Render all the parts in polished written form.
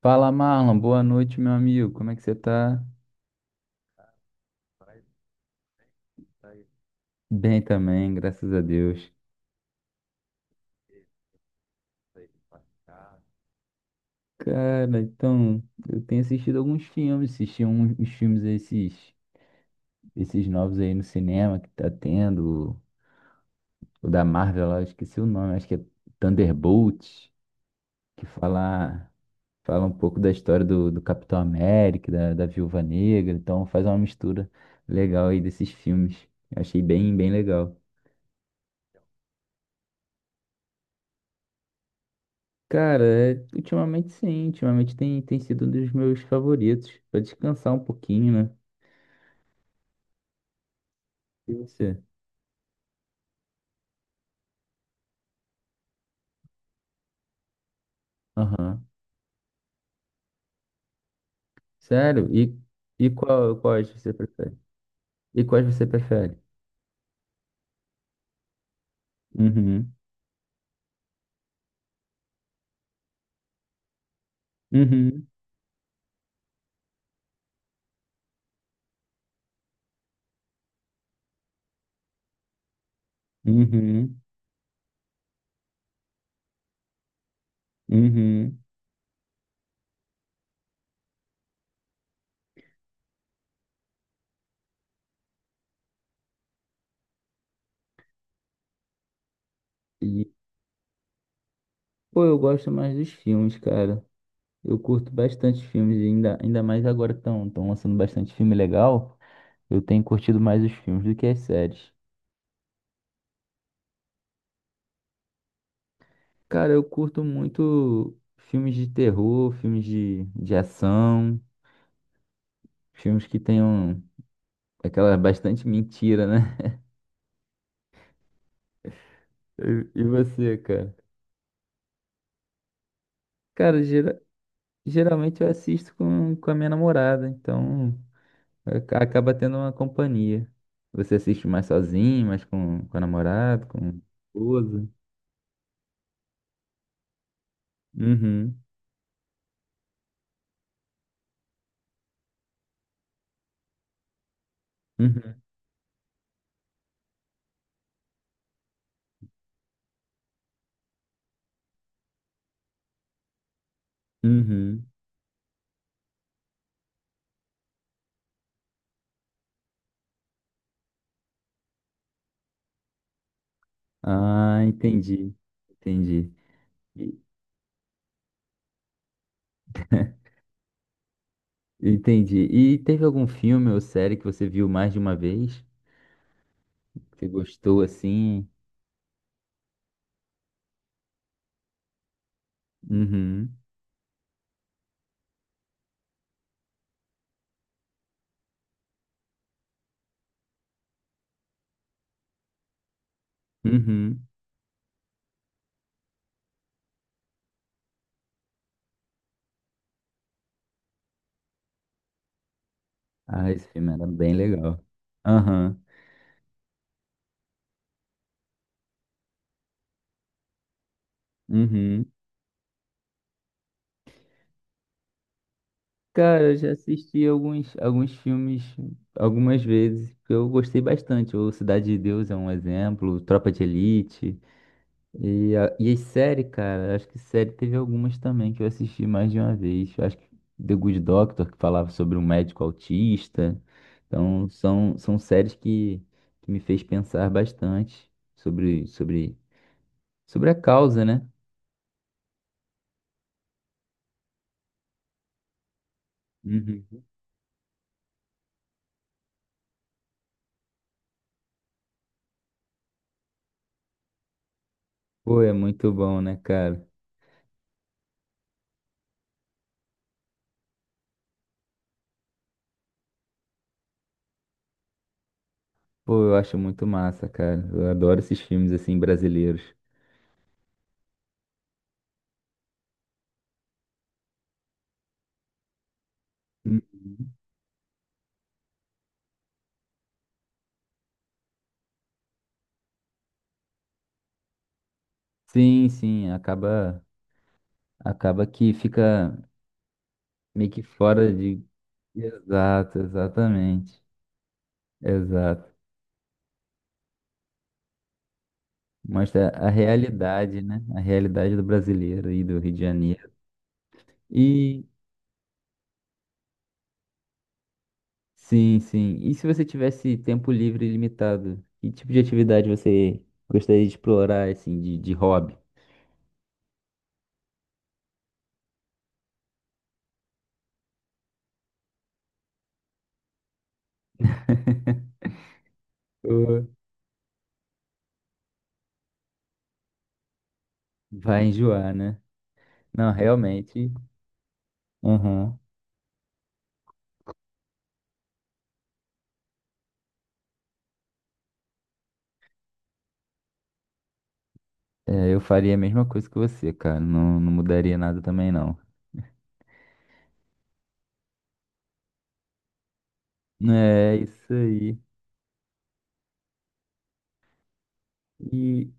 Fala, Marlon. Boa noite, meu amigo. Como é que você tá? Bem também, graças a Deus. Cara, então, eu tenho assistido alguns filmes, assisti uns filmes esses novos aí no cinema que tá tendo, o da Marvel lá, eu esqueci o nome, acho que é Thunderbolt, que fala um pouco da história do Capitão América, da Viúva Negra, então faz uma mistura legal aí desses filmes. Eu achei bem legal. Cara, é, ultimamente sim, ultimamente tem sido um dos meus favoritos, pra descansar um pouquinho, né? E você? Aham. Sério? E, quais você prefere? E quais você prefere? Uhum. Uhum. Uhum. Uhum. E, pô, eu gosto mais dos filmes, cara. Eu curto bastante filmes, e ainda mais agora que estão lançando bastante filme legal. Eu tenho curtido mais os filmes do que as séries. Cara, eu curto muito filmes de terror, filmes de ação, filmes que tenham aquela bastante mentira, né? E você, cara? Cara, geralmente eu assisto com a minha namorada, então acaba tendo uma companhia. Você assiste mais sozinho, mais com a namorada, com a esposa? Uhum, uhum, uhum. Ah, entendi, entendi. E- Entendi. E teve algum filme ou série que você viu mais de uma vez? Você gostou assim? Uhum, uhum. Ah, esse filme era bem legal. Aham, uhum. Cara, eu já assisti alguns filmes algumas vezes que eu gostei bastante. O Cidade de Deus é um exemplo, Tropa de Elite. E, a, e as séries, cara, acho que série teve algumas também que eu assisti mais de uma vez. Eu acho que The Good Doctor, que falava sobre um médico autista. Então, são séries que me fez pensar bastante sobre sobre a causa, né? Uhum. Pô, é muito bom, né, cara? Pô, eu acho muito massa, cara. Eu adoro esses filmes assim brasileiros. Hum, sim, sim, acaba que fica meio que fora de exato, exatamente. Exato. Mostra a realidade, né? A realidade do brasileiro e do Rio de Janeiro. E sim, sim. E se você tivesse tempo livre ilimitado, que tipo de atividade você gostaria de explorar assim de hobby? Vai enjoar, né? Não, realmente. Uhum. É, eu faria a mesma coisa que você, cara. Não, não mudaria nada também, não. É, isso aí. E,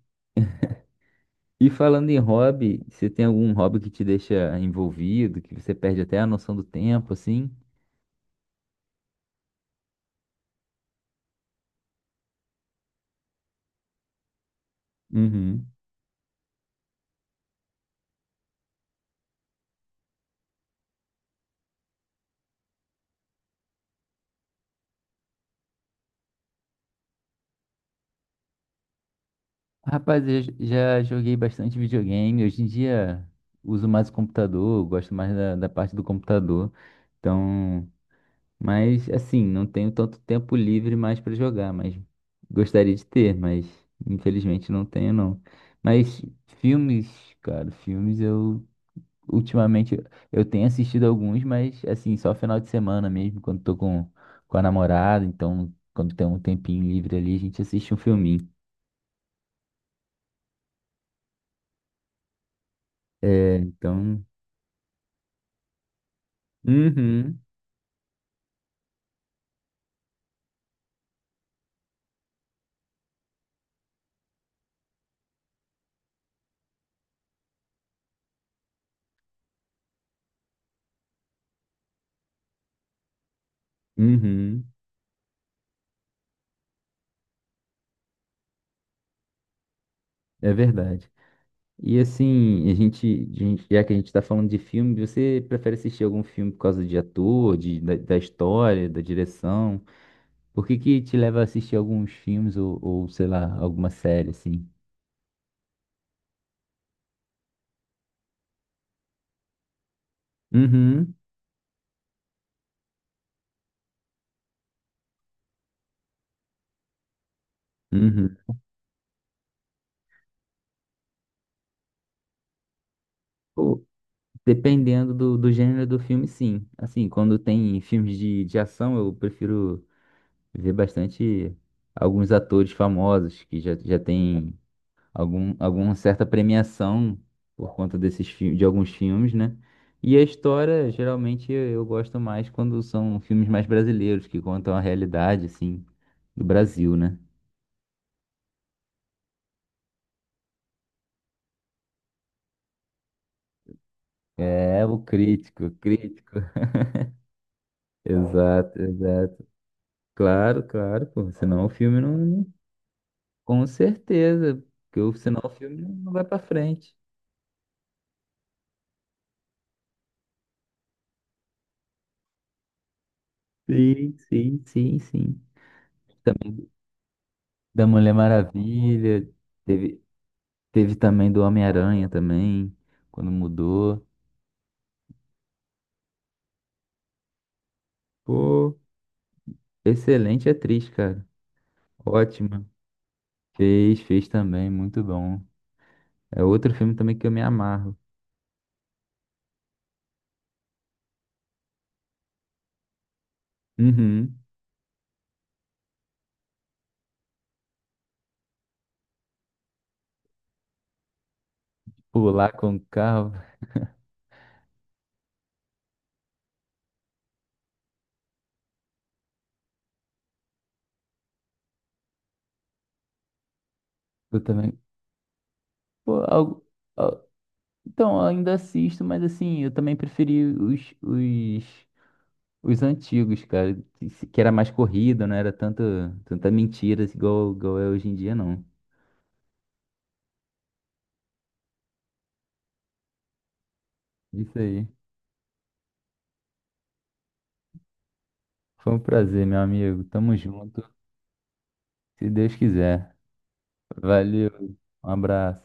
e falando em hobby, você tem algum hobby que te deixa envolvido, que você perde até a noção do tempo, assim? Uhum. Rapaz, eu já joguei bastante videogame. Hoje em dia uso mais o computador, gosto mais da parte do computador. Então. Mas assim, não tenho tanto tempo livre mais para jogar, mas gostaria de ter, mas infelizmente não tenho não. Mas filmes, cara, filmes eu ultimamente eu tenho assistido alguns, mas assim, só final de semana mesmo, quando tô com a namorada, então quando tem um tempinho livre ali, a gente assiste um filminho. É, então, uhum, uhum, é verdade. E assim, já que a gente está falando de filme, você prefere assistir algum filme por causa de ator, de, da história, da direção? Por que que te leva a assistir alguns filmes ou sei lá, alguma série assim? Uhum, uhum. Pô, dependendo do gênero do filme, sim. Assim, quando tem filmes de ação, eu prefiro ver bastante alguns atores famosos que já têm algum, alguma certa premiação por conta de alguns filmes, né? E a história, geralmente, eu gosto mais quando são filmes mais brasileiros, que contam a realidade, assim, do Brasil, né? É, o crítico, crítico. Exato, exato. Claro, claro, pô. Senão o filme não. Com certeza, porque senão o filme não vai pra frente. Sim, sim, sim, sim. Também da Mulher Maravilha. Teve, teve também do Homem-Aranha também, quando mudou. Pô, excelente atriz, cara. Ótima. Fez, fez também, muito bom. É outro filme também que eu me amarro. Uhum. Pular com o carro. Eu também. Pô, al- então, eu ainda assisto, mas assim, eu também preferi os antigos, cara. Que era mais corrida, não era tanto, tanta mentira assim, igual, igual é hoje em dia, não. Isso aí. Foi um prazer, meu amigo. Tamo junto, se Deus quiser. Valeu, um abraço.